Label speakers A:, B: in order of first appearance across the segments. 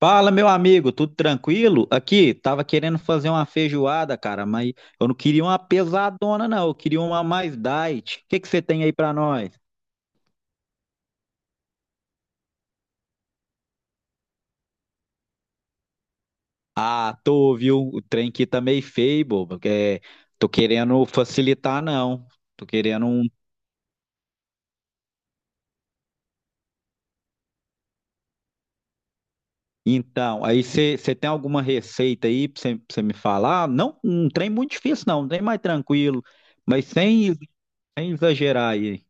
A: Fala, meu amigo, tudo tranquilo? Aqui, tava querendo fazer uma feijoada, cara, mas eu não queria uma pesadona, não. Eu queria uma mais diet. O que que você tem aí pra nós? Ah, tô, viu? O trem aqui tá meio feio, bobo. É, tô querendo facilitar, não. Tô querendo um. Então, aí você tem alguma receita aí pra você me falar? Não, um trem muito difícil, não. Um trem mais tranquilo, mas sem exagerar aí.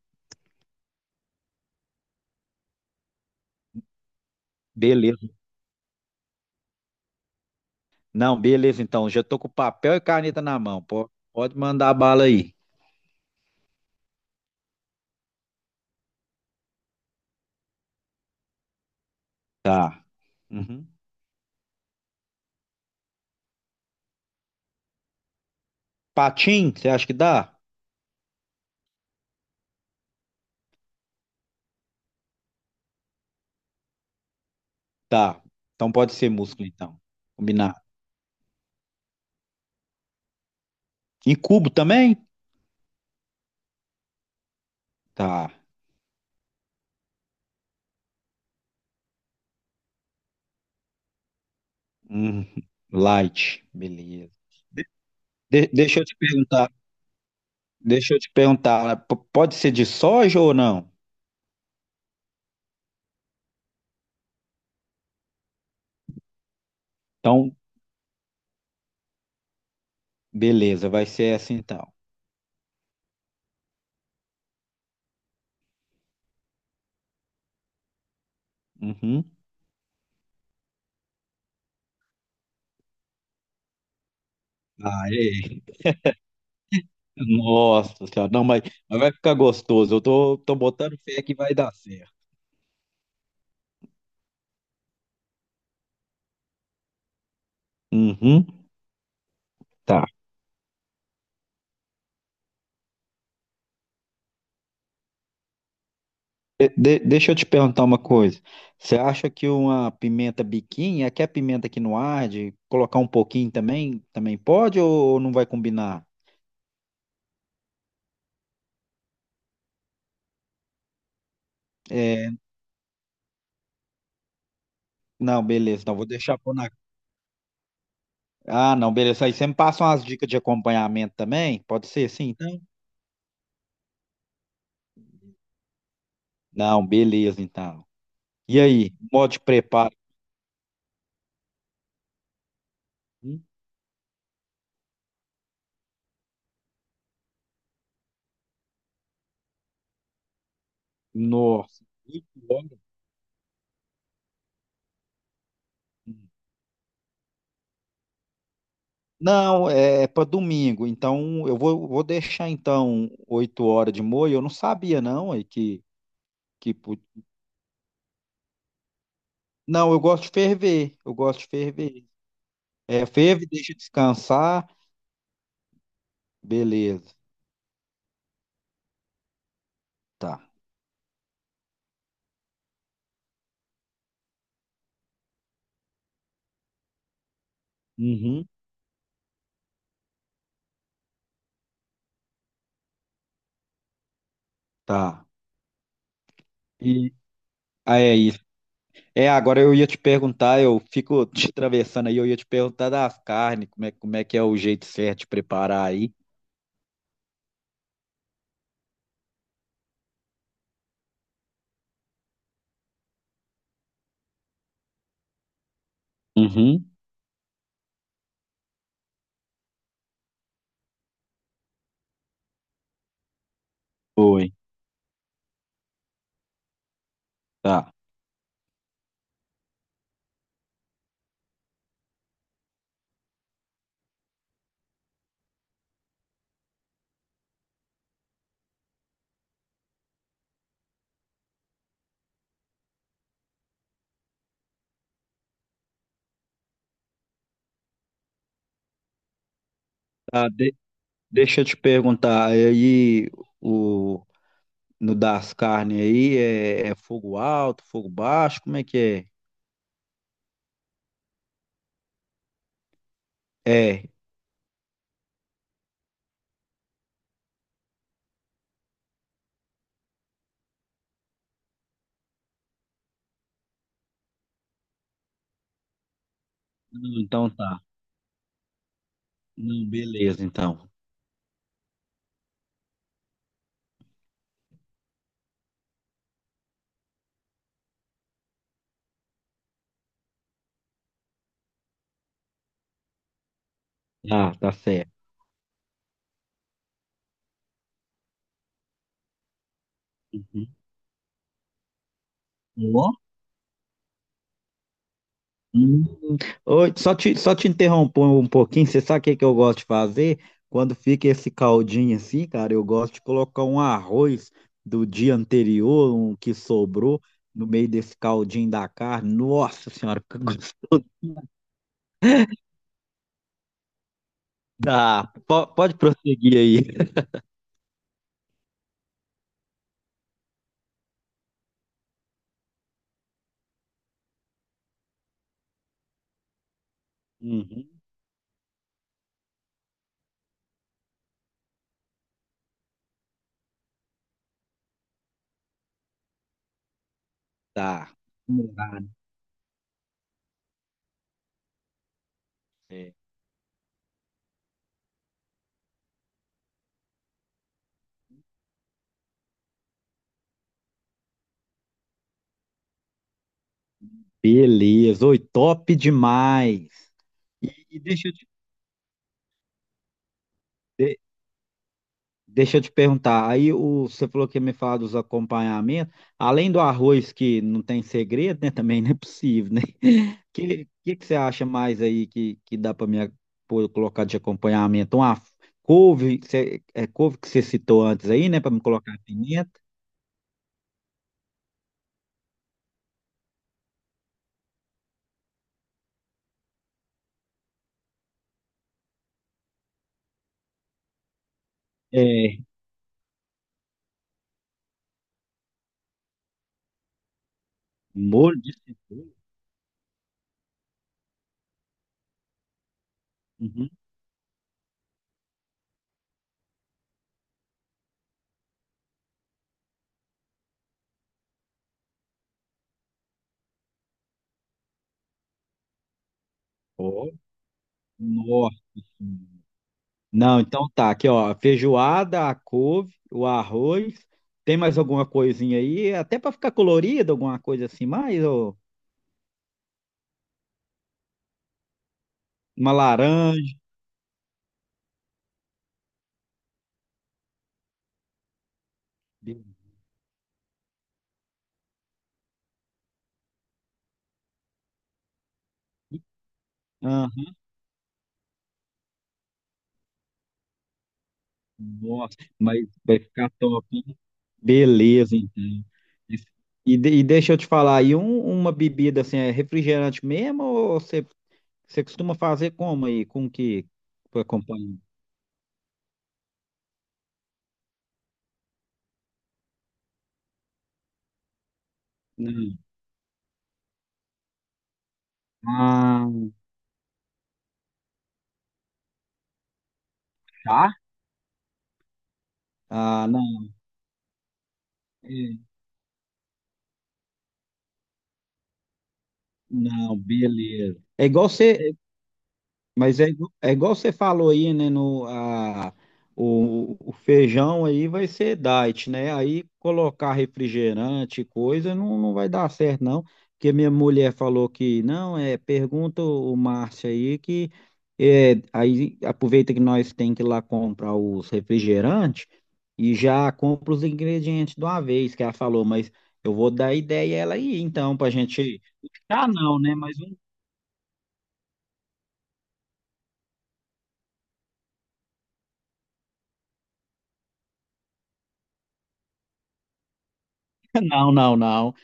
A: Não, beleza, então. Já tô com papel e caneta na mão. Pode mandar a bala aí. Tá. Uhum. Patim, você acha que dá? Tá. Então pode ser músculo, então. Combinar. Em cubo também? Tá. Uhum. Light, beleza. Deixa eu te perguntar. Deixa eu te perguntar. Pode ser de soja ou não? Então, beleza, vai ser essa então. Uhum. Aê. Nossa senhora. Não, mas vai ficar gostoso. Eu tô botando fé que vai dar certo. Uhum. Tá. Deixa eu te perguntar uma coisa. Você acha que uma pimenta biquinho, aqui é pimenta que não arde, colocar um pouquinho também, também pode ou não vai combinar? É, não, beleza. Não, vou deixar por na. Ah, não, beleza. Aí você me passa umas dicas de acompanhamento também? Pode ser assim, então? Não, beleza, então. E aí, modo de preparo? Hum, Nossa, 8 horas? Hum. Não, é, para domingo. Então, eu vou deixar então 8 horas de molho. Eu não sabia não aí que que pu- Não, eu gosto de ferver. Eu gosto de ferver. É, ferve, deixa descansar. Beleza. Tá. Uhum. Tá. E é isso. É, agora eu ia te perguntar, eu fico te atravessando aí, eu ia te perguntar das carnes, como é que é o jeito certo de preparar aí. Uhum. Foi. Tá. Tá, deixa eu te perguntar, aí o no das carnes aí é, é fogo alto, fogo baixo, como é que é? É. Então tá. Não, beleza, então. Ah, tá certo. Uhum. Ó. Hum. Oi, só te interrompo um pouquinho. Você sabe o que que eu gosto de fazer? Quando fica esse caldinho assim, cara, eu gosto de colocar um arroz do dia anterior, um que sobrou, no meio desse caldinho da carne. Nossa senhora, que gostoso. Tá, pode prosseguir aí. Uhum, tá, é. Beleza. Oi, top demais. E, e deixa eu te, Deixa eu te perguntar, aí o, você falou que ia me falar dos acompanhamentos, além do arroz que não tem segredo, né? Também não é possível, né? Que você acha mais aí que dá para me colocar de acompanhamento? Uma couve, é couve que você citou antes aí, né? Para me colocar pimenta. É, molho de cebola. Uhum. Ó, nossa. Não, então tá, aqui ó, feijoada, a couve, o arroz, tem mais alguma coisinha aí? Até para ficar colorido, alguma coisa assim mais, ou uma laranja. Be- Aham, nossa, mas vai ficar top, hein? Beleza, então. E e deixa eu te falar, aí uma bebida assim, é refrigerante mesmo, ou você costuma fazer como aí, com que para acompanhar? Não. Ah, tá? Ah, não, é. Não, beleza. Mas é, é igual você falou aí, né? No, a, o feijão aí vai ser diet, né? Aí colocar refrigerante, e coisa, não, não vai dar certo, não. Porque minha mulher falou que não, é, pergunta o Márcio aí que é, aí aproveita que nós tem que ir lá comprar os refrigerantes e já compra os ingredientes de uma vez, que ela falou, mas eu vou dar ideia a ela aí, então, pra gente. Ah, não, né? Não.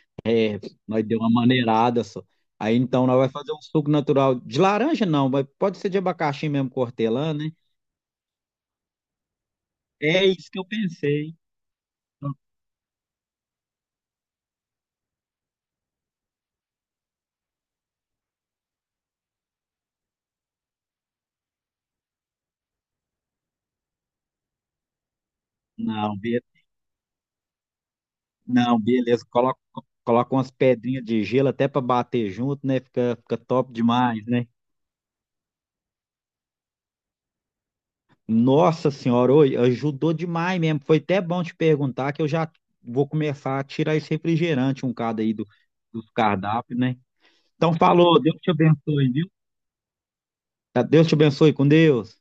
A: Nós deu uma maneirada só. Aí então nós vai fazer um suco natural de laranja, não, mas pode ser de abacaxi mesmo com hortelã, né? É isso que eu pensei. Não, be... não, beleza. Coloca, coloca umas pedrinhas de gelo até para bater junto, né? Fica top demais, né? Nossa senhora, oi, ajudou demais mesmo. Foi até bom te perguntar que eu já vou começar a tirar esse refrigerante um cada aí do, dos cardápios, né? Então falou, Deus te abençoe, viu? Tá, Deus te abençoe com Deus.